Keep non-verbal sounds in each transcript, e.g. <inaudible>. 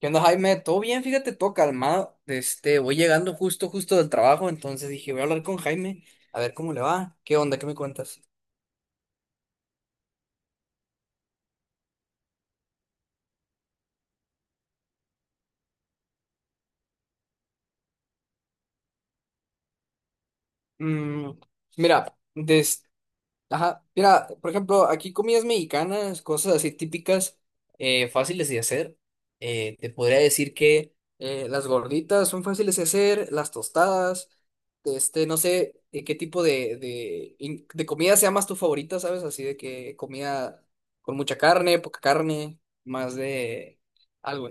¿Qué onda, Jaime? Todo bien, fíjate, todo calmado. Este, voy llegando justo del trabajo, entonces dije, voy a hablar con Jaime, a ver cómo le va. ¿Qué onda? ¿Qué me cuentas? Mm, mira. Ajá, mira, por ejemplo, aquí comidas mexicanas, cosas así típicas, fáciles de hacer. Te podría decir que las gorditas son fáciles de hacer, las tostadas, este, no sé, qué tipo de comida sea más tu favorita, ¿sabes? Así de que comida con mucha carne, poca carne, más de algo.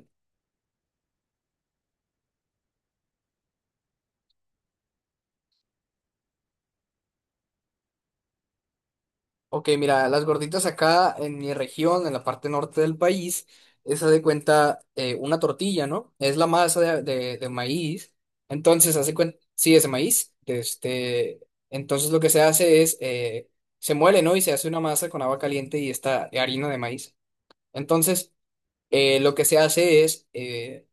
Ok, mira, las gorditas acá en mi región, en la parte norte del país, es haz de cuenta, una tortilla, ¿no? Es la masa de maíz. Entonces, hace cuenta, sí, es de maíz. De Este, entonces, lo que se hace es, se muele, ¿no? Y se hace una masa con agua caliente y esta harina de maíz. Entonces, lo que se hace es, eh,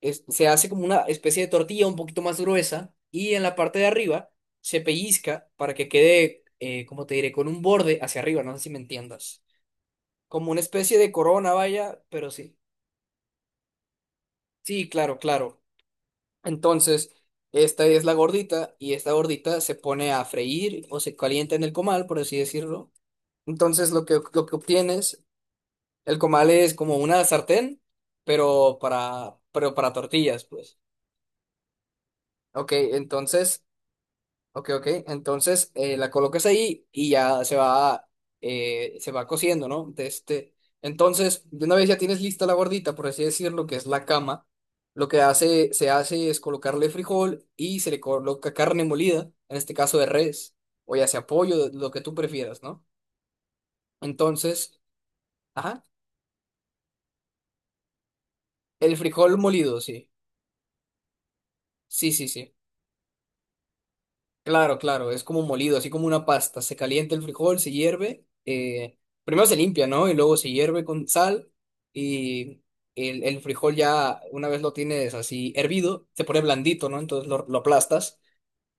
es- se hace como una especie de tortilla un poquito más gruesa y en la parte de arriba se pellizca para que quede, como te diré, con un borde hacia arriba, no sé si me entiendas. Como una especie de corona, vaya, pero sí. Sí, claro, claro. Entonces, esta es la gordita y esta gordita se pone a freír o se calienta en el comal, por así decirlo. Entonces, lo que obtienes, el comal es como una sartén, pero para tortillas, pues. Ok, entonces Ok, ok. Entonces, la colocas ahí y ya se va cociendo, ¿no? De este... Entonces, de una vez ya tienes lista la gordita, por así decirlo, que es la cama. Se hace es colocarle frijol y se le coloca carne molida, en este caso de res, o ya sea pollo, lo que tú prefieras, ¿no? Entonces, ajá, el frijol molido, sí. Sí, sí, sí. Claro, claro, es como molido, así como una pasta. Se calienta el frijol, se hierve. Primero se limpia, ¿no? Y luego se hierve con sal. Y el frijol ya, una vez lo tienes así hervido, se pone blandito, ¿no? Entonces lo aplastas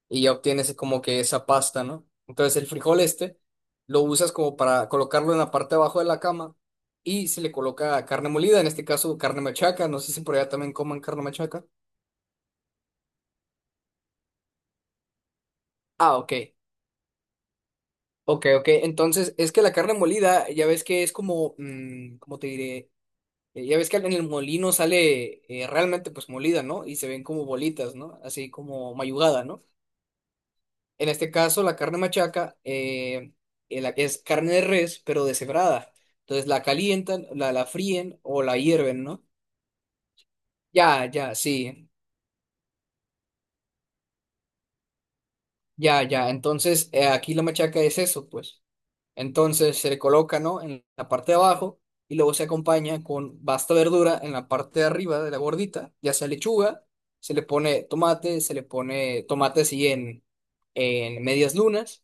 y ya obtienes como que esa pasta, ¿no? Entonces el frijol este lo usas como para colocarlo en la parte de abajo de la cama y se le coloca carne molida, en este caso carne machaca. No sé si por allá también coman carne machaca. Ah, ok. Ok, ok. Entonces, es que la carne molida, ya ves que es como, ¿cómo te diré? Ya ves que en el molino sale, realmente pues molida, ¿no? Y se ven como bolitas, ¿no? Así como mayugada, ¿no? En este caso, la carne machaca, es carne de res, pero deshebrada. Entonces la calientan, la fríen o la hierven, ¿no? Ya, ya, sí. Ya, ya. Entonces, aquí la machaca es eso, pues. Entonces se le coloca, ¿no? En la parte de abajo y luego se acompaña con basta verdura en la parte de arriba de la gordita, ya sea lechuga, se le pone tomate, se le pone tomate así en medias lunas,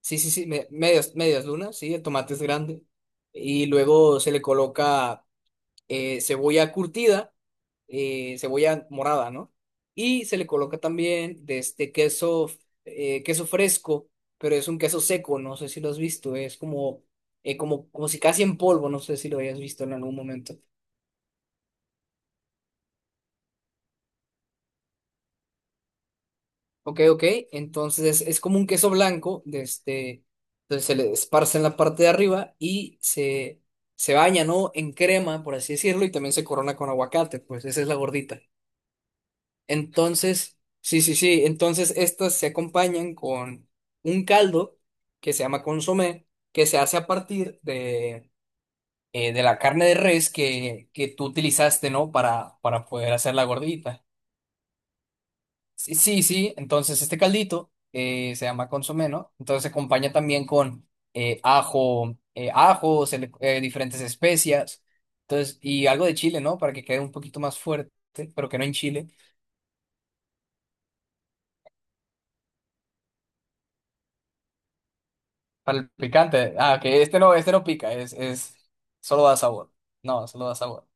sí, sí, sí, medias lunas, sí, el tomate es grande. Y luego se le coloca, cebolla curtida, cebolla morada, ¿no? Y se le coloca también de este queso, queso fresco, pero es un queso seco, no sé si lo has visto, es como, como si casi en polvo, no sé si lo hayas visto en algún momento. Ok, ok, entonces es como un queso blanco, de este, entonces se le esparce en la parte de arriba se baña, ¿no? En crema, por así decirlo, y también se corona con aguacate, pues esa es la gordita. Entonces, sí, sí, sí, entonces estas se acompañan con un caldo que se llama consomé, que se hace a partir de la carne de res que tú utilizaste, ¿no? Para poder hacer la gordita. Sí, sí, sí, entonces este caldito, se llama consomé, ¿no? Entonces se acompaña también con ajo, diferentes especias, entonces, y algo de chile, ¿no? Para que quede un poquito más fuerte, pero que no en. Para el picante. Ah, que este no pica, es, solo da sabor. No, solo da sabor.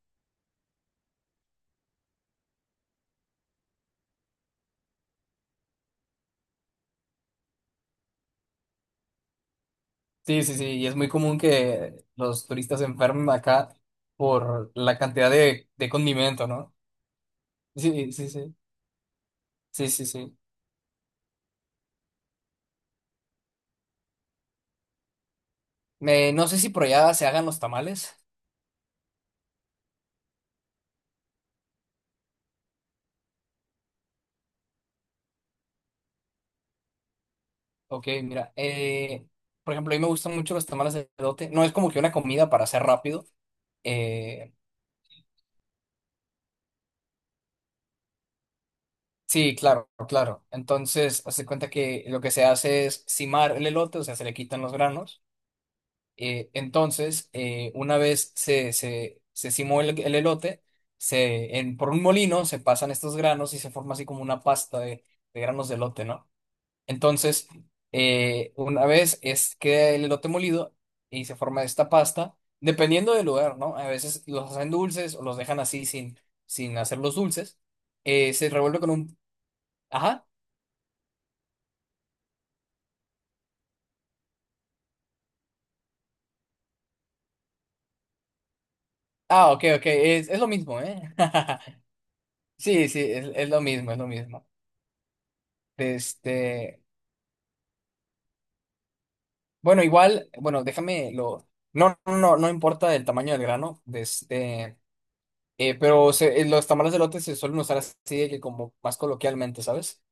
Sí, sí, sí, y es muy común que los turistas se enfermen acá por la cantidad de condimento, ¿no? Sí, sí, sí, sí, sí, sí. No sé si por allá se hagan los tamales. Ok, mira, por ejemplo, a mí me gustan mucho los tamales de elote. No es como que una comida para hacer rápido. Eh, sí, claro, claro. Entonces, hace cuenta que lo que se hace es cimar el elote, o sea, se le quitan los granos. Entonces, una vez se cimó el elote, por un molino se pasan estos granos y se forma así como una pasta de granos de elote, ¿no? Entonces, una vez es, queda el elote molido y se forma esta pasta, dependiendo del lugar, ¿no? A veces los hacen dulces o los dejan así sin, sin hacerlos dulces. Se revuelve con un... Ajá. Ah, ok, ok, es lo mismo, ¿eh? <laughs> Sí, sí, es lo mismo, es lo mismo. Este... Bueno, igual, bueno, déjame lo. No, no, no, no importa el tamaño del grano, de este, los tamales de elote se suelen usar así de que como más coloquialmente, ¿sabes?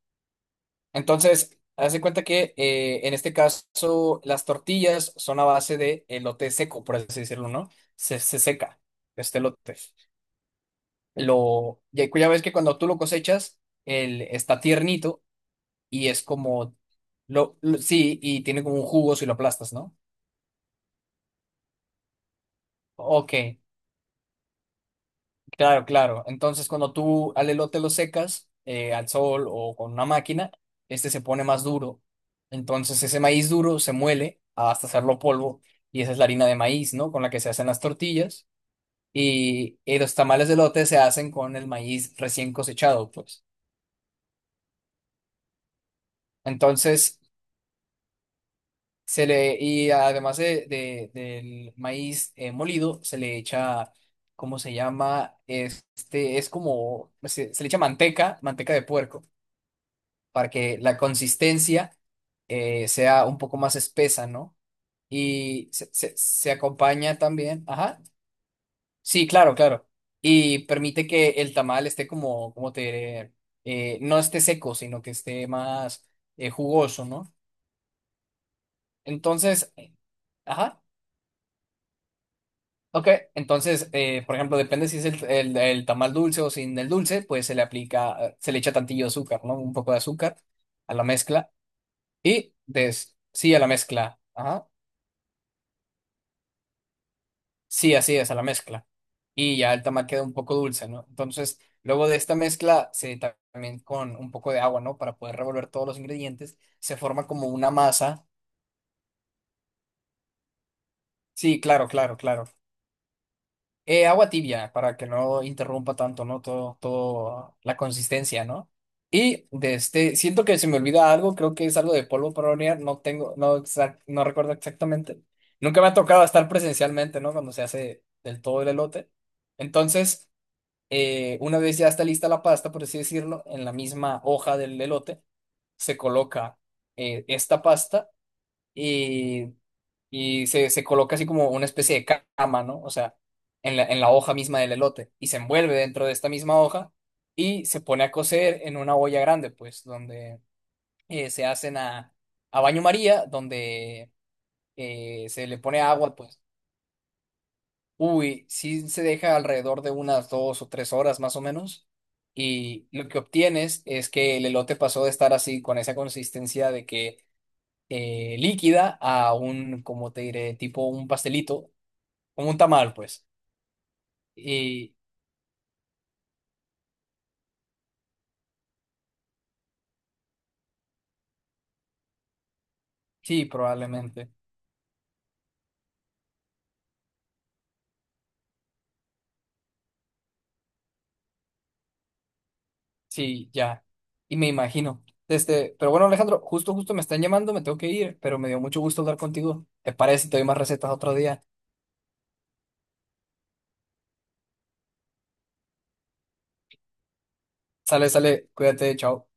Entonces, haz de cuenta que, en este caso las tortillas son a base de elote seco, por así decirlo, ¿no? Se seca este elote. Ya ves que cuando tú lo cosechas, él está tiernito y es como, sí, y tiene como un jugo si lo aplastas, ¿no? Ok. Claro, claro. Entonces, cuando tú al elote lo secas, al sol o con una máquina, este se pone más duro. Entonces, ese maíz duro se muele hasta hacerlo polvo y esa es la harina de maíz, ¿no? Con la que se hacen las tortillas y los tamales de elote se hacen con el maíz recién cosechado, pues. Entonces, se le y además del maíz, molido, se le echa. ¿Cómo se llama? Este es como, se le echa manteca, manteca de puerco, para que la consistencia, sea un poco más espesa, ¿no? Y se acompaña también, ajá, sí, claro, claro. Y permite que el tamal esté como, como te diré, no esté seco, sino que esté más, jugoso, ¿no? Entonces, ajá, ok. Entonces, por ejemplo, depende si es el tamal dulce o sin el dulce, pues se le aplica, se le echa tantillo de azúcar, ¿no? Un poco de azúcar a la mezcla. Sí, a la mezcla. Ajá. Sí, así es, a la mezcla. Y ya el tamal queda un poco dulce, ¿no? Entonces, luego de esta mezcla, también con un poco de agua, ¿no? Para poder revolver todos los ingredientes, se forma como una masa. Sí, claro, claro, claro. Agua tibia, para que no interrumpa tanto, ¿no? Todo la consistencia, ¿no? Y de este, siento que se me olvida algo, creo que es algo de polvo para hornear, no tengo, no, no recuerdo exactamente. Nunca me ha tocado estar presencialmente, ¿no? Cuando se hace del todo el elote. Entonces... una vez ya está lista la pasta, por así decirlo, en la misma hoja del elote, se coloca, esta pasta y, se coloca así como una especie de cama, ¿no? O sea, en la hoja misma del elote y se envuelve dentro de esta misma hoja y se pone a cocer en una olla grande, pues, donde, se hacen a baño María, donde, se le pone agua, pues. Uy, sí se deja alrededor de unas 2 o 3 horas más o menos. Y lo que obtienes es que el elote pasó de estar así con esa consistencia de que, líquida a un, como te diré, tipo un pastelito, como un tamal, pues. Y sí, probablemente. Sí, ya. Y me imagino. Este, pero bueno, Alejandro, justo me están llamando, me tengo que ir, pero me dio mucho gusto hablar contigo. ¿Te parece? Te doy más recetas otro día. Sale, sale, cuídate, chao.